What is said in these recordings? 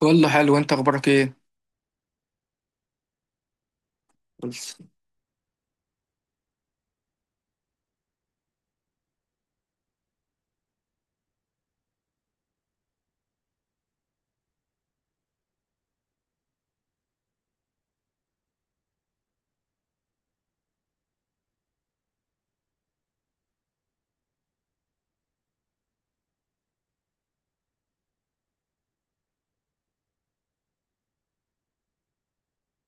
كله حلو، انت اخبارك ايه؟ بس.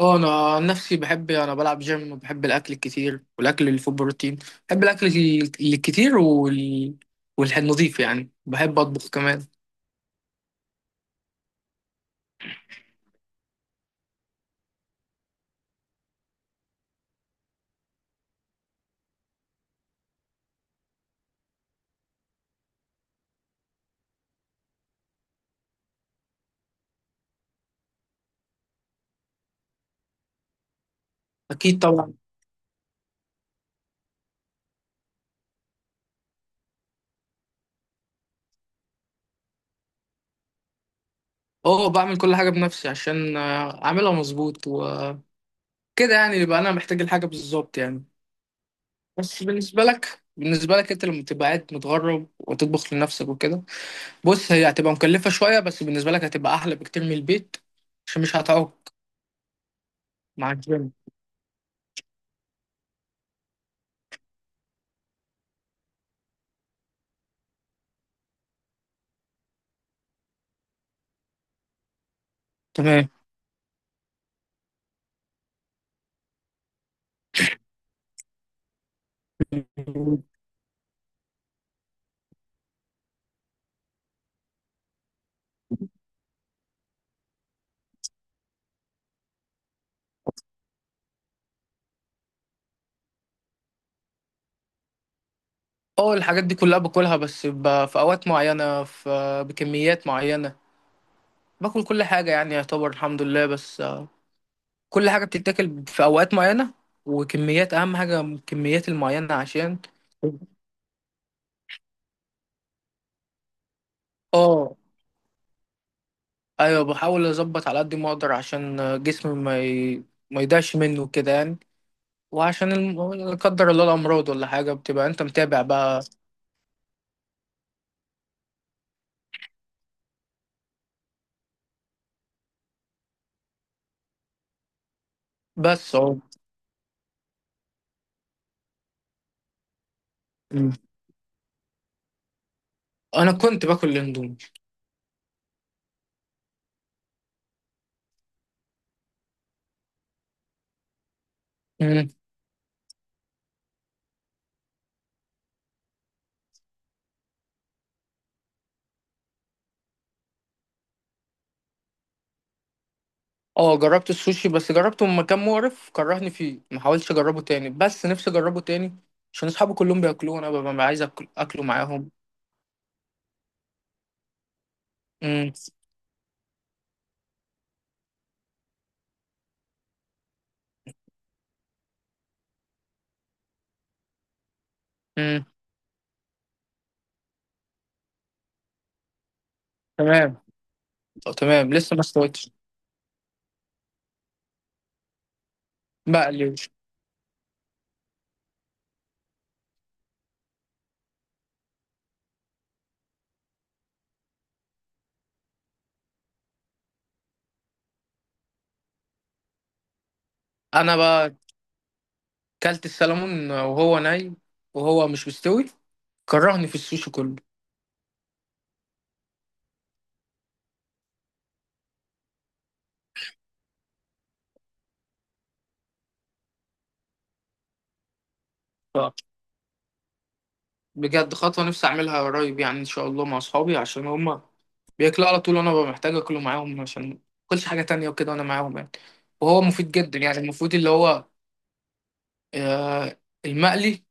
اه، انا عن نفسي بحب، انا بلعب جيم وبحب الاكل الكتير والاكل اللي فيه بروتين. بحب الاكل الكتير والنظيف، يعني بحب اطبخ كمان. اكيد طبعا. اه، بعمل كل حاجه بنفسي عشان اعملها مظبوط وكده، يعني يبقى انا محتاج الحاجه بالظبط يعني. بس بالنسبه لك انت لما تبقى قاعد متغرب وتطبخ لنفسك وكده، بص هي هتبقى مكلفه شويه، بس بالنسبه لك هتبقى احلى بكتير من البيت عشان مش هتعوق مع الجيم. تمام. اه، الحاجات دي كلها باكلها، بس في اوقات معينه، بكميات معينه. باكل كل حاجه يعني، يعتبر الحمد لله، بس كل حاجه بتتاكل في اوقات معينه، وكميات اهم حاجه الكميات المعينه عشان اه، ايوه، بحاول اظبط على قد ما اقدر عشان جسمي ما يضيعش منه كده يعني. وعشان لا قدر الله الامراض ولا حاجه، بتبقى انت متابع بقى. بس اه. مم. انا كنت باكل الاندومي. اه، جربت السوشي بس جربته من مكان مقرف كرهني فيه، ما حاولتش اجربه تاني، بس نفسي اجربه تاني عشان اصحابي كلهم بياكلوه، انا ببقى عايز اكل اكله معاهم. امم. امم. تمام. طب تمام، لسه ما استويتش. بقليوش. انا بقى كلت السلمون وهو ني، وهو مش مستوي، كرهني في السوشي كله. ف- بجد خطوة نفسي اعملها قريب يعني ان شاء الله مع اصحابي عشان هما بياكلوا على طول، وانا ببقى محتاج اكله معاهم عشان ما اكلش حاجة تانية وكده وانا معاهم يعني. وهو مفيد جدا يعني، المفروض اللي هو آه، المقلي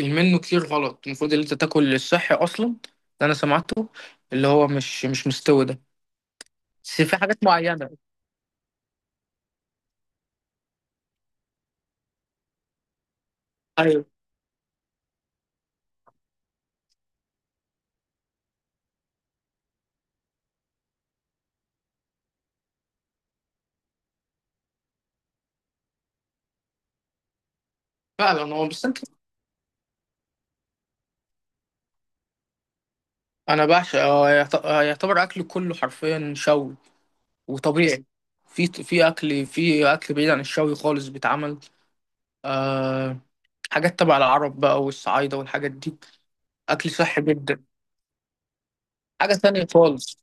منه كتير غلط، المفروض اللي انت تاكل الصحي اصلا، ده انا سمعته، اللي هو مش مستوي ده. بس في حاجات معينه. ايوه فعلا، هو بس انت. انا بعشق، هو يعتبر اكل كله حرفيا شوي وطبيعي. في في اكل في اكل بعيد عن الشوي خالص بيتعمل. أه، حاجات تبع العرب بقى والصعايده والحاجات دي. اكل صحي جدا، حاجه تانية خالص.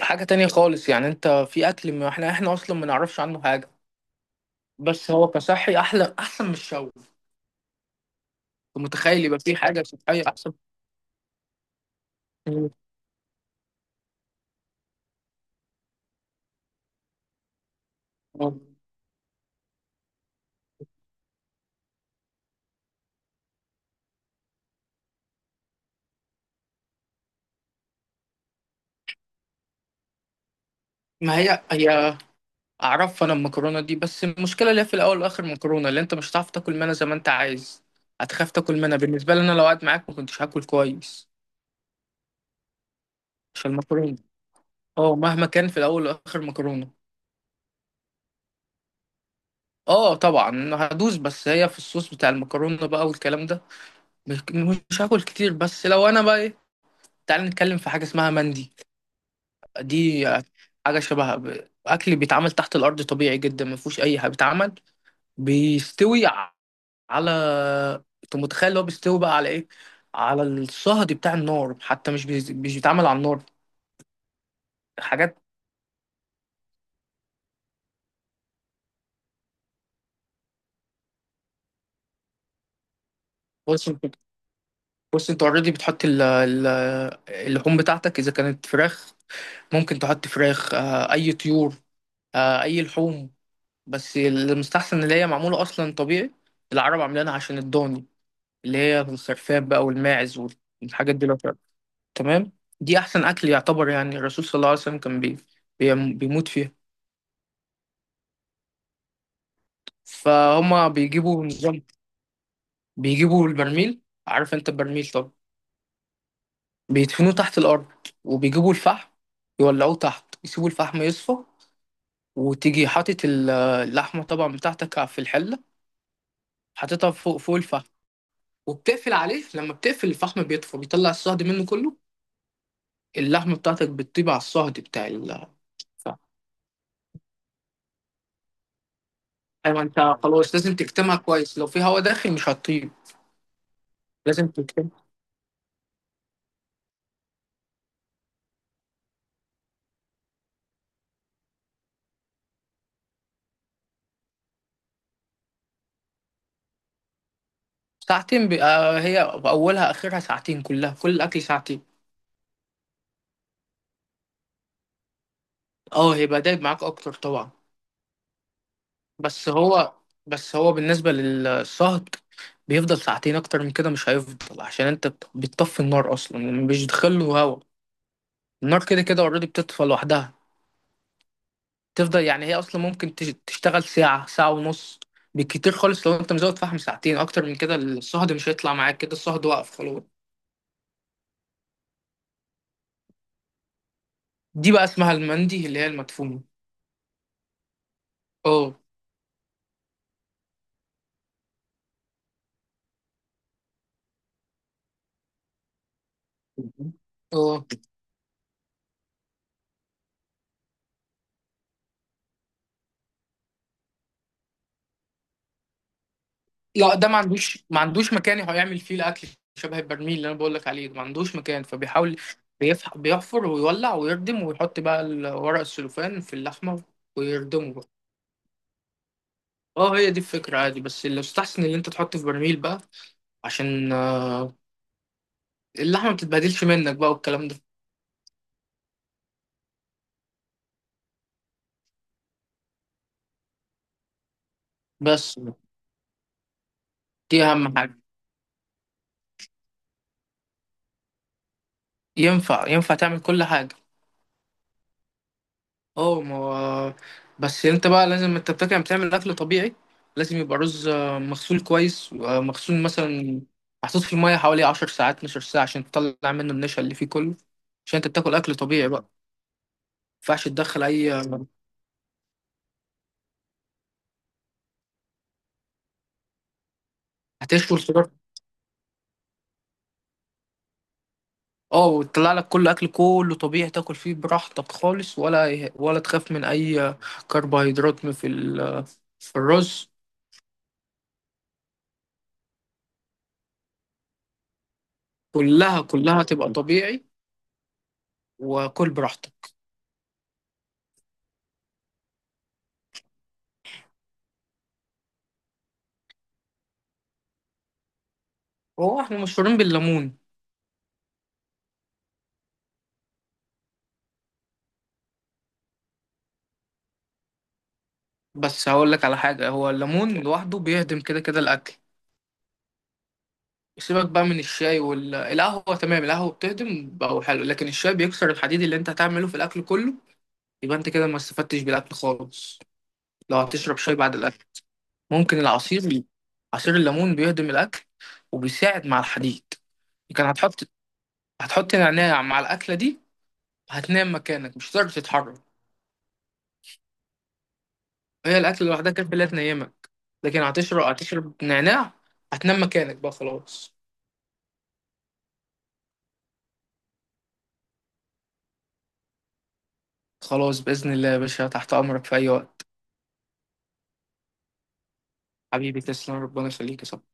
حاجه تانية خالص، يعني انت في اكل ما احنا اصلا ما نعرفش عنه حاجه. بس هو كصحي احلى، احسن من الشاورما. أنت متخيل يبقى في حاجه صحيه احسن؟ مم. ما هي هي اعرف انا المكرونه دي، بس المشكله اللي هي في الاول والاخر مكرونه، اللي انت مش هتعرف تاكل منها زي ما انت عايز، هتخاف تاكل منها. بالنسبه لي انا لو قعدت معاك ما كنتش هاكل كويس عشان المكرونه. اه، مهما كان في الاول والاخر مكرونه. اه طبعا هدوس، بس هي في الصوص بتاع المكرونه بقى والكلام ده، مش مش هاكل كتير، بس لو انا بقى ايه، تعال نتكلم في حاجه اسمها مندي. دي حاجة شبه أكل بيتعمل تحت الأرض، طبيعي جدا ما فيهوش أي حاجة، بيتعمل بيستوي على. أنت متخيل اللي هو بيستوي بقى على إيه؟ على الصهد بتاع النار، حتى مش بيتعمل على النار. حاجات. بص أنت- بص أنت أوريدي بتحط اللحوم بتاعتك، إذا كانت فراخ ممكن تحط فراخ، أي طيور، أي لحوم، بس المستحسن اللي هي معمولة أصلا طبيعي، العرب عاملينها عشان الضاني اللي هي الخرفان بقى والماعز والحاجات دي. تمام. دي احسن اكل يعتبر، يعني الرسول صلى الله عليه وسلم كان بيموت فيها. فهما بيجيبوا نظام، بيجيبوا البرميل، عارف انت البرميل؟ طب بيدفنوه تحت الارض وبيجيبوا الفحم، يولعوه تحت، يسيبوا الفحم يصفى، وتيجي حاطط اللحمه طبعا بتاعتك في الحله، حاططها فوق فوق الفحم، وبتقفل عليه. لما بتقفل، الفحم بيطفى، بيطلع الصهد منه كله، اللحمه بتاعتك بتطيب على الصهد بتاع الفحم. ايوه، انت خلاص لازم تكتمها كويس، لو في هواء داخل مش هتطيب. لازم. ساعتين بي... آه هي اولها اخرها ساعتين كلها، كل الاكل ساعتين. اه، هيبقى دايب معاك اكتر طبعا. بس هو بس هو بالنسبه للصهد، بيفضل ساعتين، اكتر من كده مش هيفضل عشان انت بتطفي النار اصلا، يعني مش له هوا، النار كده كده اوريدي بتطفى لوحدها، تفضل يعني هي اصلا ممكن تشتغل ساعه، ساعه ونص بالكتير خالص. لو انت مزود فحم ساعتين، اكتر من كده الصهد مش هيطلع معاك، كده الصهد واقف خلاص. دي بقى اسمها المندي، اللي هي المدفونه. اه، اه. لا ده ما عندوش مكان هيعمل فيه الاكل، شبه البرميل اللي انا بقول لك عليه ده ما عندوش مكان، فبيحاول بيحفر ويولع ويردم، ويحط بقى ورق السلوفان في اللحمه، ويردمه بقى. اه، هي دي الفكره عادي، بس اللي يستحسن اللي انت تحطه في برميل بقى عشان اللحمه ما بتتبهدلش منك بقى والكلام ده. بس دي اهم حاجه. ينفع تعمل كل حاجه. اه، ما هو- بس انت بقى لازم، انت بتاكل بتعمل اكل طبيعي، لازم يبقى رز مغسول كويس، مغسول مثلا محطوط في الميه حوالي 10 ساعات 12 ساعه عشان تطلع منه النشا اللي فيه كله، عشان انت بتاكل اكل طبيعي بقى ما ينفعش تدخل اي هتشوي الخضار. اه، وتطلع لك كل اكل كله طبيعي تاكل فيه براحتك خالص، ولا تخاف من اي كربوهيدرات في ال- آه، في الرز. كلها تبقى طبيعي وكل براحتك. هو احنا مشهورين بالليمون. بس هقول لك على حاجة، هو الليمون لوحده بيهضم كده كده الأكل، سيبك بقى من الشاي والقهوة. تمام، القهوة بتهضم بقى، هو حلو، لكن الشاي بيكسر الحديد اللي أنت هتعمله في الأكل كله، يبقى أنت كده ما استفدتش بالأكل خالص لو هتشرب شاي بعد الأكل. ممكن العصير، عصير الليمون بيهضم الأكل وبيساعد مع الحديد. كان هتحط نعناع مع الأكلة دي، هتنام مكانك مش هتقدر تتحرك. هي الأكل لوحدها كانت لا تنيمك، لكن هتشرب نعناع هتنام مكانك بقى خلاص. خلاص بإذن الله يا باشا، تحت أمرك في أي وقت. حبيبي تسلم، ربنا يخليك يا صاحبي.